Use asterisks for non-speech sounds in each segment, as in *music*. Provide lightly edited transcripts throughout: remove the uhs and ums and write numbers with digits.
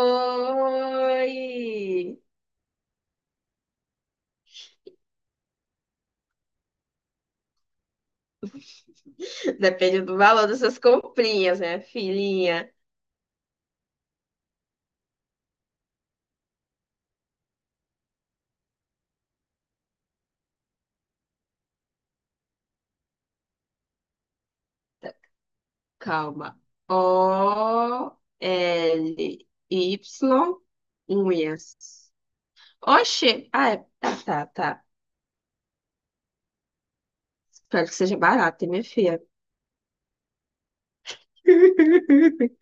Oi! Depende do valor dessas comprinhas, né, filhinha? Tá, calma. OLY, unhas. Oxê! Ah, é. Tá, tá, tá. Espero que seja barato, hein, minha filha? *laughs*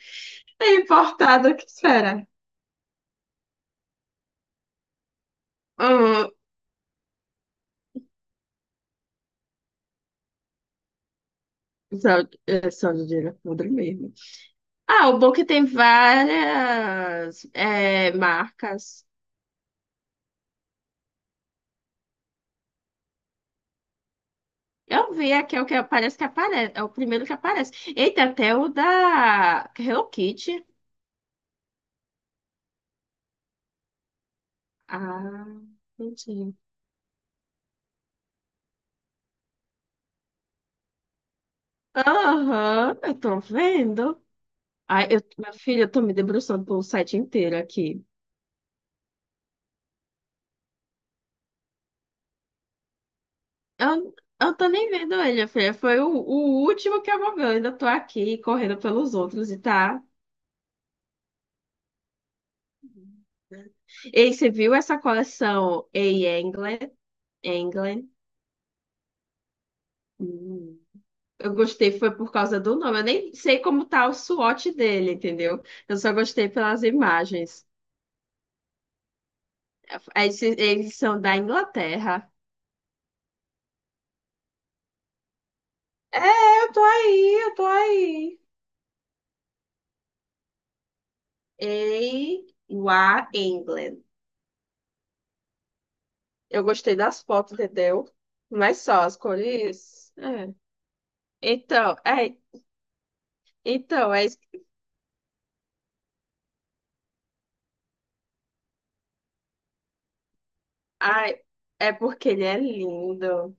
É importado, o que será? Hum, só, é só de dinheiro podre mesmo. Ah, o bom é que tem várias marcas. Eu vi aqui, é o que aparece. É o primeiro que aparece. Eita, até o da Hello Kitty. Ah, entendi. Aham, eu tô vendo. Ai, minha filha, eu tô me debruçando pelo site inteiro aqui. Eu, eu tô nem vendo ele, minha filha. Foi o último que eu vou ver. Eu ainda tô aqui correndo pelos outros e tá. Ei, você viu essa coleção A England? England? Hum. Eu gostei foi por causa do nome. Eu nem sei como tá o SWOT dele, entendeu? Eu só gostei pelas imagens. Eles são da Inglaterra. É, eu tô aí, eu tô aí. A U A England. Eu gostei das fotos, entendeu? Mas só as cores. É. Então, é, então, ai, é porque ele é lindo.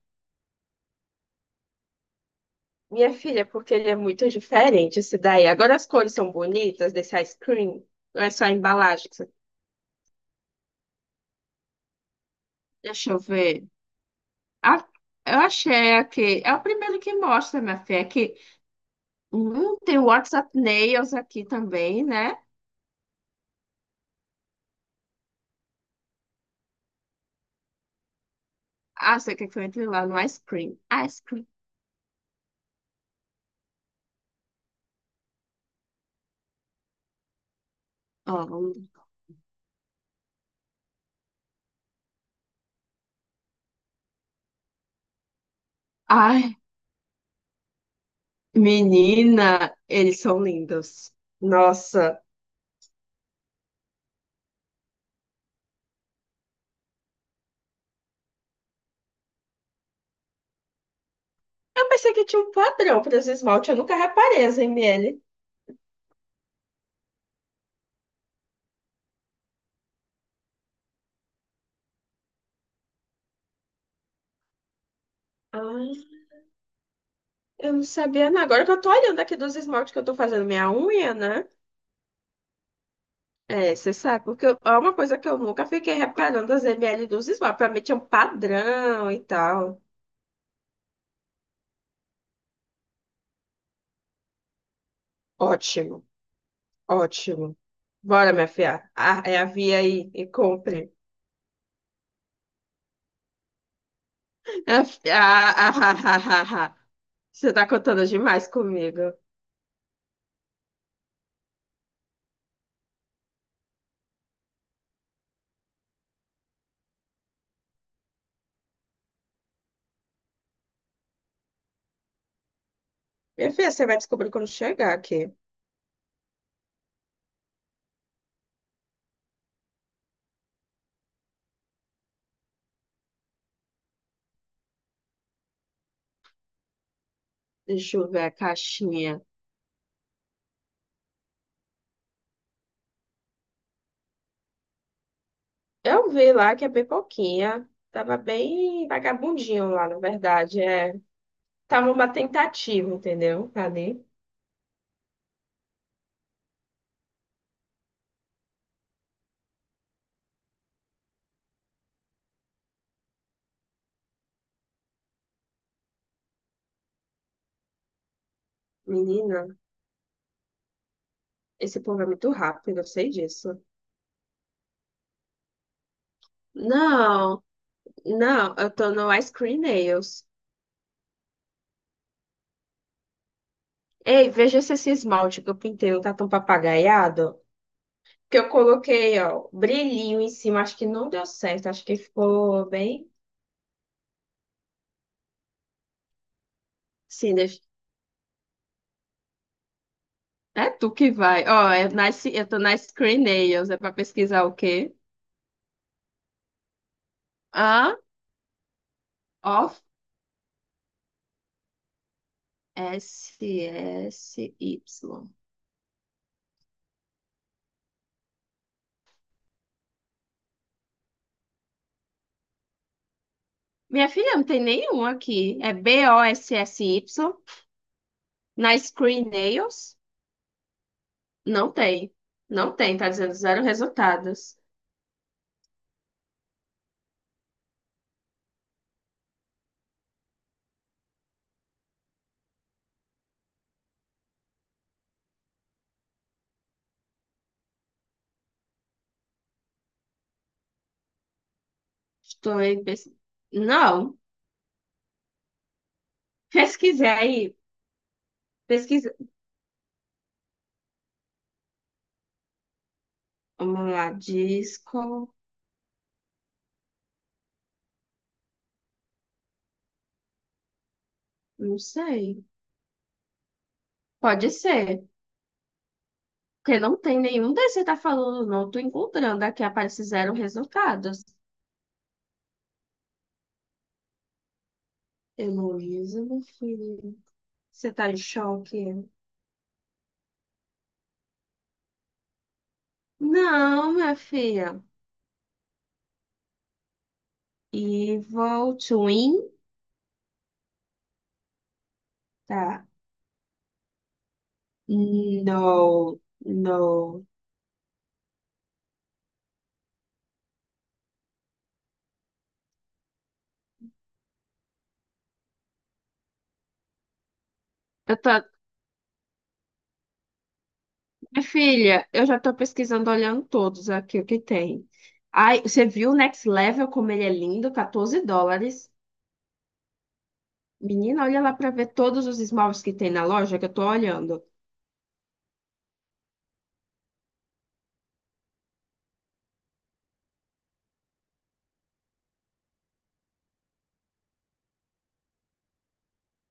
Minha filha, porque ele é muito diferente esse daí. Agora as cores são bonitas desse ice cream. Não é só a embalagem. Deixa eu ver. Ah, eu achei aqui. É o primeiro que mostra, minha filha. Aqui. Tem o WhatsApp Nails aqui também, né? Ah, você quer que eu entre lá no ice cream? Ice cream. Ó, ver. Ai, menina, eles são lindos. Nossa. Eu pensei que tinha um padrão para esse esmalte. Eu nunca reparei as ML. Ah, eu não sabia, não. Agora que eu tô olhando aqui dos esmaltes que eu tô fazendo minha unha, né? É, você sabe, porque é uma coisa que eu nunca fiquei reparando as ml dos esmaltes. Pra mim tinha um padrão e tal. Ótimo, ótimo. Bora, minha filha. Ah, é a via aí e compre. *laughs* Ah, ah, ah, ah, ah, ah, ah. Você tá contando demais comigo. Minha filha, você vai descobrir quando chegar aqui. Deixa eu ver a caixinha. Eu vi lá que é bem pouquinha. Tava bem vagabundinho lá, na verdade. É. Tava uma tentativa, entendeu? Ali. Menina, esse povo é muito rápido, eu sei disso. Não, não, eu tô no Ice Cream Nails. Ei, veja se esse esmalte que eu pintei não tá tão papagaiado. Que eu coloquei, ó, brilhinho em cima, acho que não deu certo, acho que ficou bem. Sim, é tu que vai. Ó, é nice, eu tô na Ice Cream Nails, é pra pesquisar o quê? Ah, off, S, S, Y. Minha filha, não tem nenhum aqui. É Bossy. Na Screen Nails, não tem. Não tem, tá dizendo zero resultados. Estou aí. Não. Pesquisei aí. Pesquisa. Vamos lá, disco. Não sei. Pode ser. Porque não tem nenhum desses que você tá falando, não. Tô encontrando aqui, aparece zero resultados. Heloísa, meu filho. Você tá em choque? Não, minha filha. Evil Twin. Tá. Não, não. Eu tô... Minha filha, eu já tô pesquisando, olhando todos aqui o que tem. Ai, você viu o Next Level, como ele é lindo? 14 dólares. Menina, olha lá pra ver todos os esmaltes que tem na loja que eu tô olhando.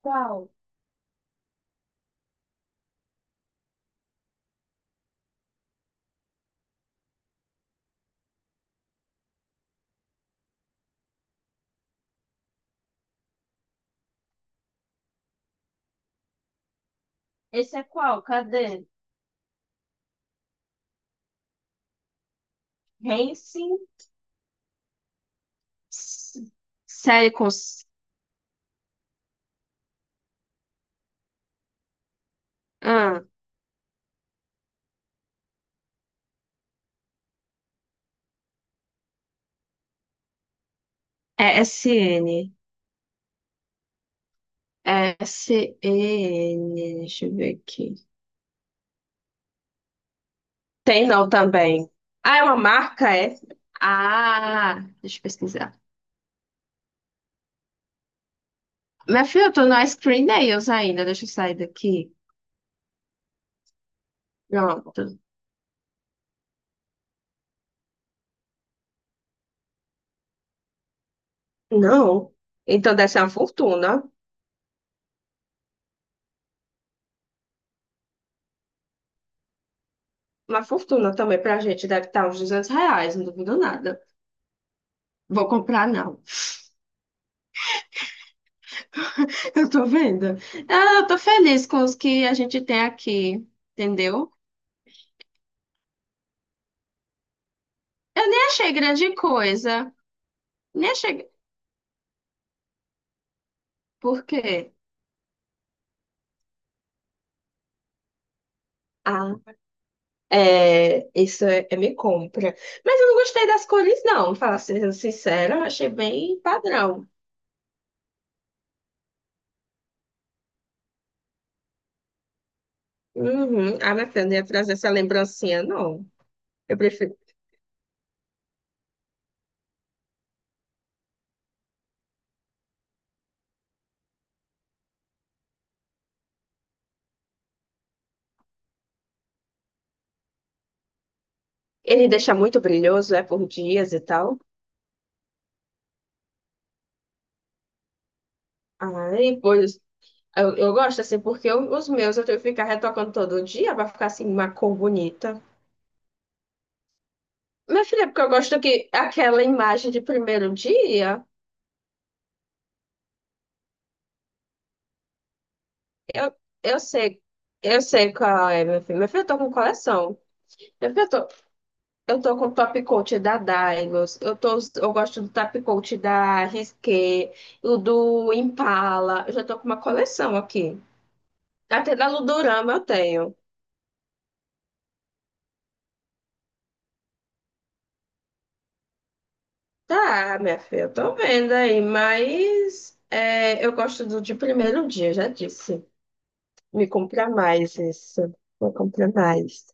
Qual? Esse é qual? Cadê? Hansen? Série com, ah, é SN. É SN. Deixa eu ver aqui. Tem não também. Ah, é uma marca, é? Ah, deixa eu pesquisar. Minha filha, eu tô no Ice Cream Nails ainda. Deixa eu sair daqui. Pronto. Não. Então deve ser uma fortuna. Uma fortuna também pra gente. Deve estar uns 200 reais, não duvido nada. Vou comprar, não. *laughs* Eu tô vendo. Ah, eu tô feliz com os que a gente tem aqui. Entendeu? Eu nem achei grande coisa. Nem achei. Por quê? Ah, é, isso é me compra. Mas eu não gostei das cores, não. Falar sendo sincera, achei bem padrão. Uhum. Ah, minha filha, não ia trazer essa lembrancinha, não. Eu prefiro. Ele deixa muito brilhoso, é por dias e tal. Ai, pois. Eu gosto assim, porque os meus eu tenho que ficar retocando todo dia pra ficar assim, uma cor bonita. Minha filha, é porque eu gosto que aquela imagem de primeiro dia, eu, eu sei, eu sei qual é, meu filho. Meu filho, eu tô com coleção. Meu filho, eu tô com o top coat da Daigos, eu gosto do top coat da Risqué, o do Impala, eu já tô com uma coleção aqui. Até da Ludorama eu tenho. Tá, minha filha, eu tô vendo aí, mas eu gosto do de primeiro dia, já disse. Me compra mais isso. Vou comprar mais.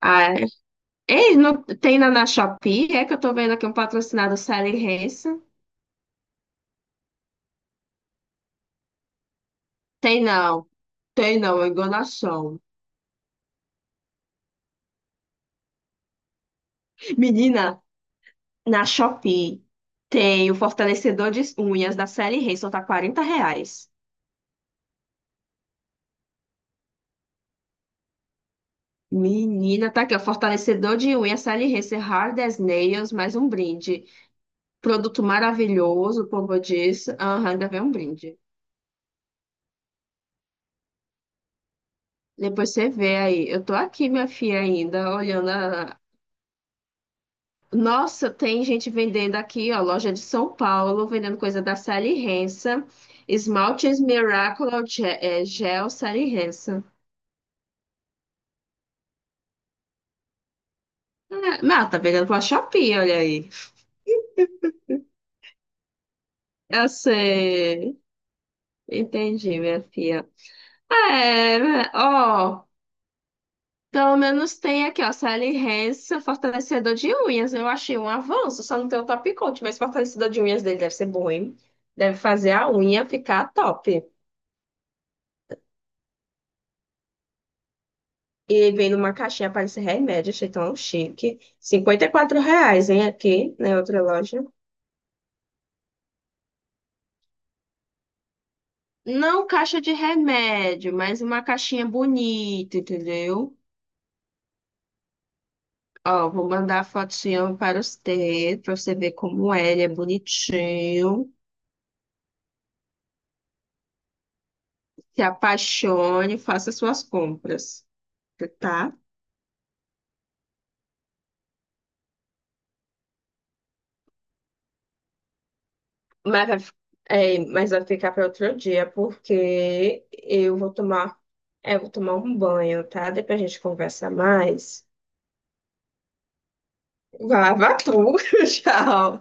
Ah, é? Ei, não tem na Shopee? É que eu tô vendo aqui um patrocinado Sally Hansen. Tem não, tem não, é enganação. Menina, na Shopee tem o fortalecedor de unhas da Sally Hansen, tá 40 reais. Menina, tá aqui, ó, fortalecedor de unhas Sally Hansen Hard as Nails, mais um brinde. Produto maravilhoso, como eu disse. Aham, ainda vem um brinde. Depois você vê aí. Eu tô aqui, minha filha, ainda, olhando. Nossa, tem gente vendendo aqui, ó, loja de São Paulo, vendendo coisa da Sally Hansen. Esmaltes Miracle Gel, Gel Sally Hansen. Ah, não, tá vendendo pra Shopee, olha aí. Eu sei. Entendi, minha filha. Ah, é, né, ó. Pelo menos tem aqui, ó. Sally Hansen, fortalecedor de unhas. Eu achei um avanço, só não tem o top coat, mas fortalecedor de unhas dele deve ser bom, hein? Deve fazer a unha ficar top. E vem numa caixinha, parece remédio, achei tão chique. 54 reais, hein, aqui, na outra loja. Não caixa de remédio, mas uma caixinha bonita, entendeu? Ó, vou mandar a fotinho para você ver como é, ele é bonitinho. Se apaixone, faça suas compras, tá? Mas vai, fi- mas vai ficar para outro dia, porque eu vou tomar um banho, tá? Depois a gente conversa mais. Vai lavar tudo, *laughs* tchau.